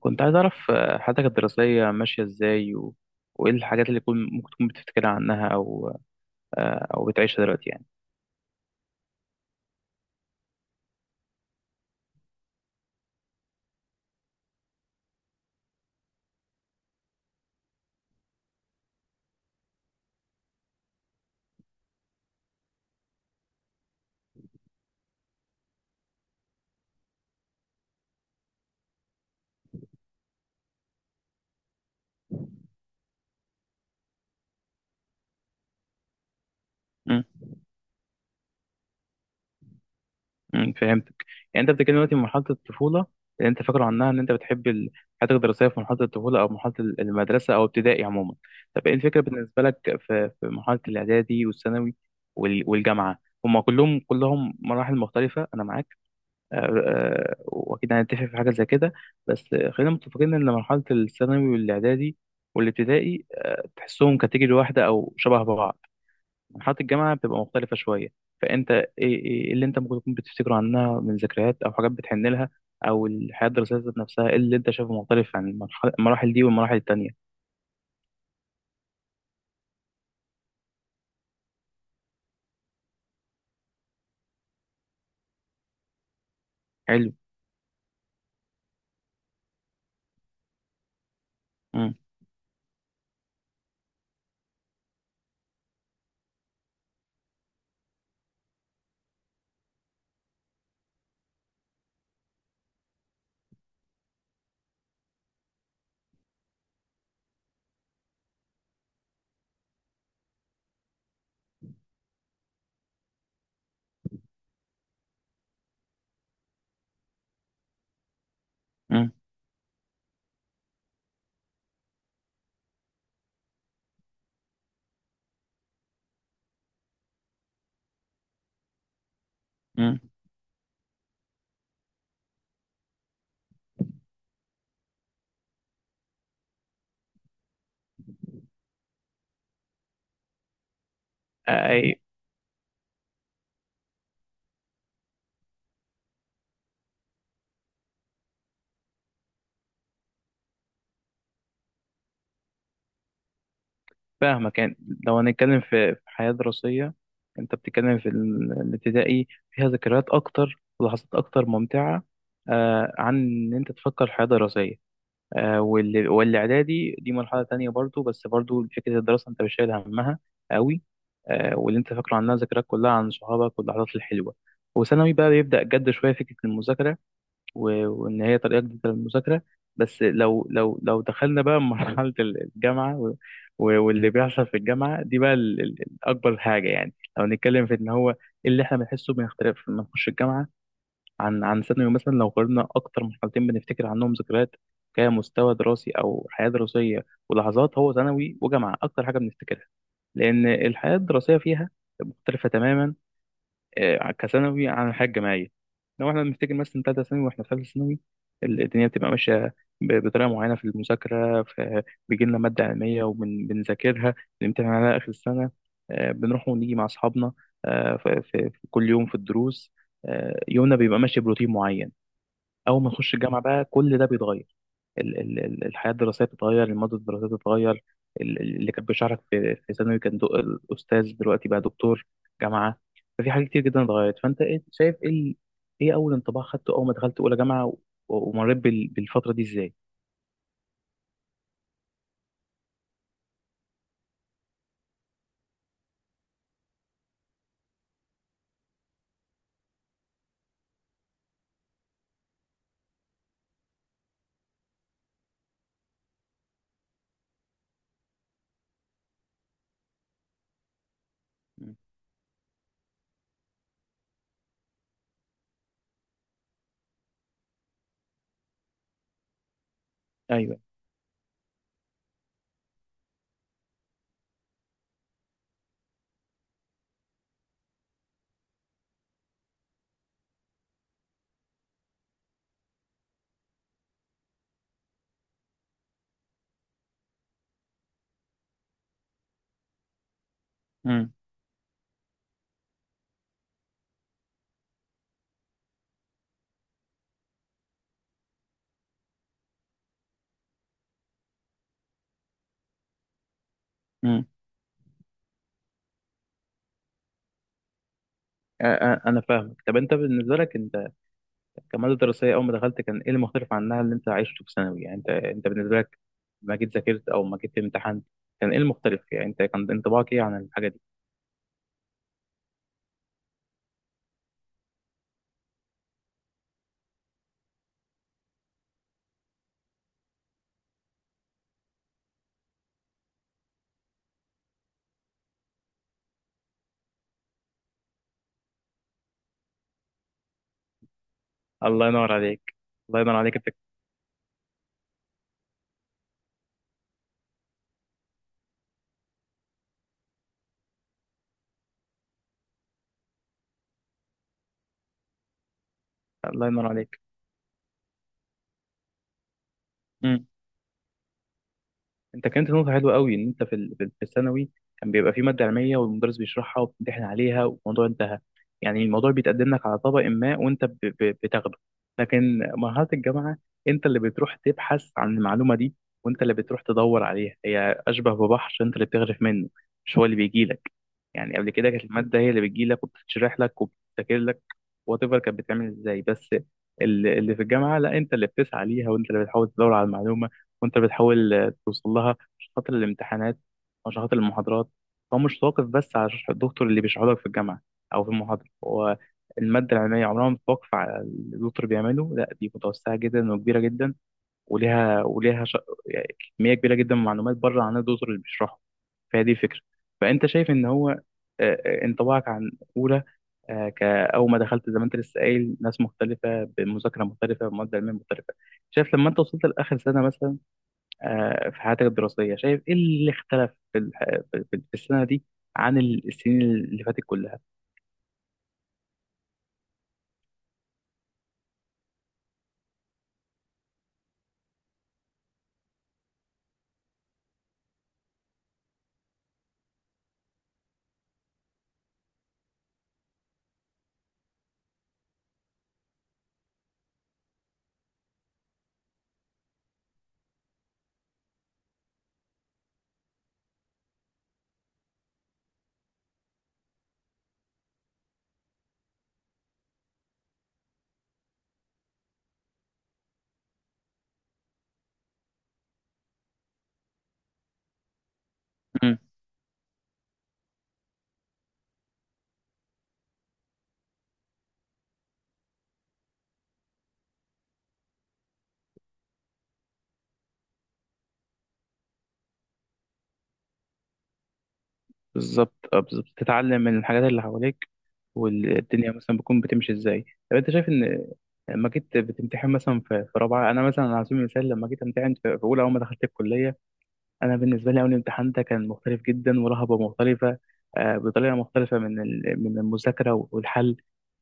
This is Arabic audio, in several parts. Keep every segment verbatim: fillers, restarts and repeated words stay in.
كنت عايز أعرف آه، حياتك الدراسية ماشية إزاي و... وإيه الحاجات اللي كن... ممكن تكون بتفتكرها عنها أو آه، أو بتعيشها دلوقتي يعني. مم. مم. فهمتك. يعني أنت بتتكلم دلوقتي من مرحلة الطفولة اللي أنت فاكره عنها إن أنت بتحب ال- حياتك الدراسية في مرحلة الطفولة أو مرحلة ال- المدرسة أو ابتدائي عموما. طب إيه الفكرة بالنسبة لك في في مرحلة الإعدادي والثانوي وال... والجامعة. هما كلهم كلهم مراحل مختلفة أنا معاك. آه، آه، واكيد هنتفق في حاجه زي كده، بس خلينا متفقين ان مرحله الثانوي والاعدادي والابتدائي آه، تحسهم كاتيجوري واحده او شبه بعض. مرحله الجامعه بتبقى مختلفه شويه، فانت ايه إيه إيه اللي انت ممكن تكون بتفتكره عنها من ذكريات او حاجات بتحن لها، او الحياه الدراسيه ذات نفسها ايه اللي انت شايفه مختلف عن المرحله المراحل دي والمراحل التانيه. حلو. امم امم فاهمك. يعني لو هنتكلم في في حياة دراسية، انت بتتكلم في ال- الابتدائي فيها ذكريات اكتر ولحظات اكتر ممتعة آه عن ان انت تفكر في حياة دراسية. آه وال- والاعدادي دي مرحلة تانية برضو، بس برضو فكرة الدراسة انت مش شايل همها قوي. آه واللي انت فاكره عنها ذكريات كلها عن صحابك واللحظات الحلوة. وثانوي بقى بيبدأ جد شوية فكرة المذاكرة، و- وان هي طريقه جديده للمذاكره. بس لو لو لو دخلنا بقى مرحله ال- الجامعه و- و- واللي بيحصل في الجامعه دي بقى ال- ال- الاكبر حاجه، يعني لو نتكلم في ان هو إيه اللي احنا بنحسه بنختلف لما نخش الجامعه عن عن ثانوي مثلا. لو قارنا اكتر مرحلتين بنفتكر عنهم ذكريات كمستوى دراسي او حياه دراسيه ولحظات هو ثانوي وجامعه اكتر حاجه بنفتكرها، لان الحياه الدراسيه فيها مختلفه تماما آه، كثانوي عن الحياة الجامعية. لو احنا بنفتكر مثلا تالتة ثانوي واحنا في ثالثة ثانوي ال- الدنيا بتبقى ماشية ب- بطريقة معينة في المذاكرة. ف- بيجي لنا مادة علمية وبنذاكرها، بنمتحن عليها آخر السنة. آه، بنروح ونيجي مع أصحابنا، آه، ف- ف- في كل يوم في الدروس، آه، يومنا بيبقى ماشي بروتين معين. أول ما نخش الجامعة بقى كل ده بيتغير، ال- ال- ال- الحياة الدراسية بتتغير، المادة الدراسية بتتغير، ال- ال- اللي كان بيشرح لك في في ثانوي كان دو الأستاذ دلوقتي بقى دكتور جامعة. ففي حاجات كتير جدا اتغيرت، فأنت إيه- شايف إيه ال- إيه أول انطباع خدته أول ما دخلت أولى جامعة و- ومريت بال- بالفترة دي إزاي؟ مم. أيوه. مم. مم. أ- أ- أنا فاهمك. طب أنت بالنسبة لك أنت كمادة دراسية أول ما دخلت كان إيه المختلف عنها اللي أنت عشته في ثانوي؟ يعني أنت أنت بالنسبة لك ما جيت ذاكرت أو ما جيت امتحنت كان إيه المختلف؟ يعني أنت كان انطباعك إيه عن الحاجة دي؟ الله ينور عليك. الله ينور عليك التك... الله ينور عليك. مم. انت كانت نقطة حلوة قوي ان انت في ال- في في الثانوي كان بيبقى في مادة علمية والمدرس بيشرحها وبتمتحن عليها والموضوع انتهى. يعني الموضوع بيتقدم لك على طبق ما وانت ب- ب- بتاخده. لكن مرحلة الجامعة انت اللي بتروح تبحث عن المعلومة دي، وانت اللي بتروح تدور عليها. هي اشبه ببحر انت اللي بتغرف منه، مش هو اللي بيجي لك. يعني قبل كده كانت المادة هي اللي بتجي لك وبتتشرح لك وبتذاكر لك، وات ايفر كانت بتعمل ازاي بس. ال- اللي في الجامعة لا انت اللي بتسعى ليها، وانت اللي بتحاول تدور على المعلومة، وانت بتحاول توصل لها عشان خاطر الامتحانات او عشان خاطر المحاضرات. هو مش واقف بس على شرح الدكتور اللي بيشرحه لك في الجامعة أو في المحاضرة. هو المادة العلمية عمرها ما بتتوقف على اللي الدكتور بيعمله، لا دي متوسعة جدا وكبيرة جدا، وليها وليها ش... يعني كمية كبيرة جدا من المعلومات بره عن الدكتور اللي بيشرحه. فهي دي الفكرة. فأنت شايف إن هو آه، آه، انطباعك عن أولى آه، كأول ما دخلت زي ما أنت لسه قايل ناس مختلفة بمذاكرة مختلفة بمادة علمية مختلفة. شايف لما أنت وصلت لآخر سنة مثلا آه، في حياتك الدراسية، شايف إيه اللي اختلف في الح- في في السنة دي عن السنين اللي فاتت كلها. مم. بالظبط. آه، بالظبط تتعلم من الحاجات اللي حواليك والدنيا مثلا بتكون بتمشي إزاي. طب أنت شايف إن لما جيت بتمتحن مثلا في في رابعة، أنا مثلا على سبيل المثال لما جيت أمتحن في في أولى أول ما دخلت الكلية، أنا بالنسبة لي أول امتحان ده كان مختلف جدا ورهبة مختلفة آه، بطريقة مختلفة من ال- من المذاكرة والحل.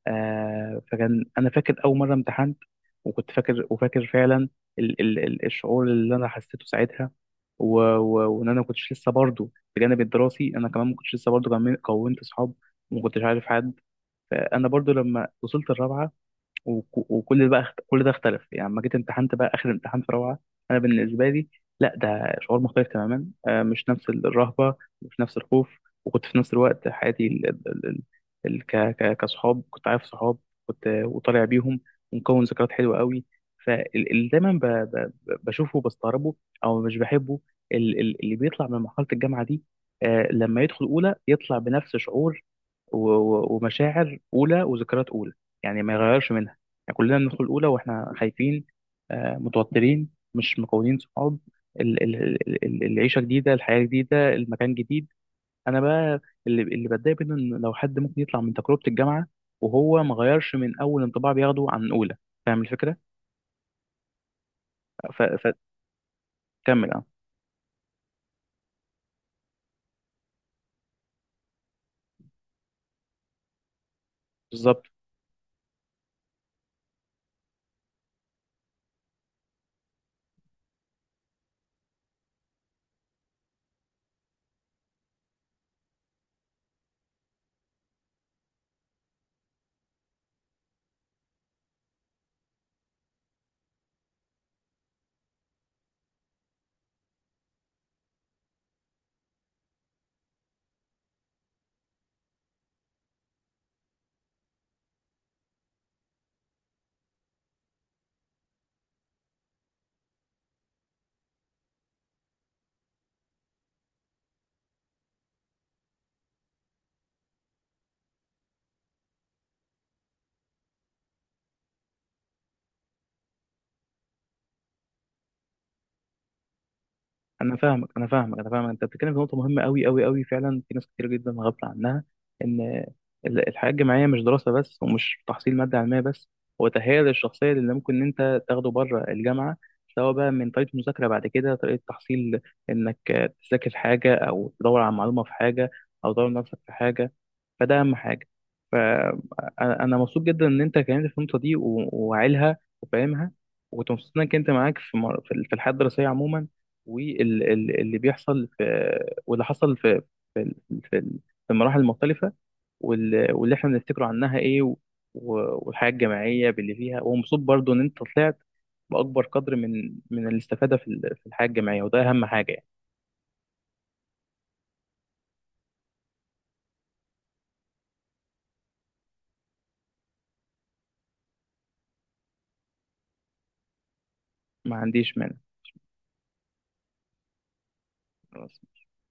آه فكان انا فاكر اول مره امتحنت، وكنت فاكر وفاكر فعلا ال ال ال- الشعور اللي انا حسيته ساعتها، و- و- وان انا ما كنتش لسه برضه، بجانب الدراسي انا كمان ما كنتش لسه برضه كمل- كونت اصحاب وما كنتش عارف حد. فانا برضه لما وصلت الرابعه وك- وكل ده بقى اخت- كل ده اختلف، يعني لما جيت امتحنت بقى اخر امتحان في روعه. انا بالنسبه لي لا ده شعور مختلف تماما، آه، مش نفس الرهبه، مش نفس الخوف، وكنت في نفس الوقت حياتي ال... ال... ال... ال... ك... ك... كصحاب كنت عارف صحاب، كنت وطالع بيهم ومكون ذكريات حلوه قوي. فاللي دايما ب... ب... بشوفه وبستغربه او مش بحبه ال... ال- اللي بيطلع من مرحله الجامعه دي آه، لما يدخل اولى يطلع بنفس شعور و... و- ومشاعر اولى وذكريات اولى، يعني ما يغيرش منها. يعني كلنا بندخل الاولى واحنا خايفين آه، متوترين مش مكونين صحاب، ال- ال- ال- ال- العيشه جديده الحياه جديده المكان جديد. انا بقى اللي اللي بتضايق منه ان لو حد ممكن يطلع من تجربه الجامعه وهو ما غيرش من اول انطباع بياخده عن اولى. فاهم الفكره؟ ف- فكمل. اه. بالظبط. انا فاهمك انا فاهمك انا فاهمك، انت بتتكلم في نقطه مهمه قوي قوي قوي فعلا، في ناس كتير جدا غافله عنها، ان ال- الحياه الجامعيه مش دراسه بس ومش تحصيل ماده علميه بس، هو تهيئه الشخصيه اللي ممكن إن انت تاخده بره الجامعه، سواء بقى من طريقه مذاكره بعد كده طريقه تحصيل، انك تذاكر حاجه او تدور على معلومه في حاجه او تدور نفسك في حاجه. فده اهم حاجه. فانا انا مبسوط جدا ان انت كلمت في النقطه دي و- وعيلها وفاهمها، وكنت مبسوط انك انت معاك في مر- في الحياه الدراسيه عموما، واللي بيحصل في واللي حصل في في في في المراحل المختلفة، وال- واللي احنا بنفتكره عنها ايه، و- والحياة الجماعية باللي فيها، ومبسوط برضو ان انت طلعت بأكبر قدر من من الاستفادة في ال- في الحياة الجماعية، وده أهم حاجة يعني. ما عنديش مانع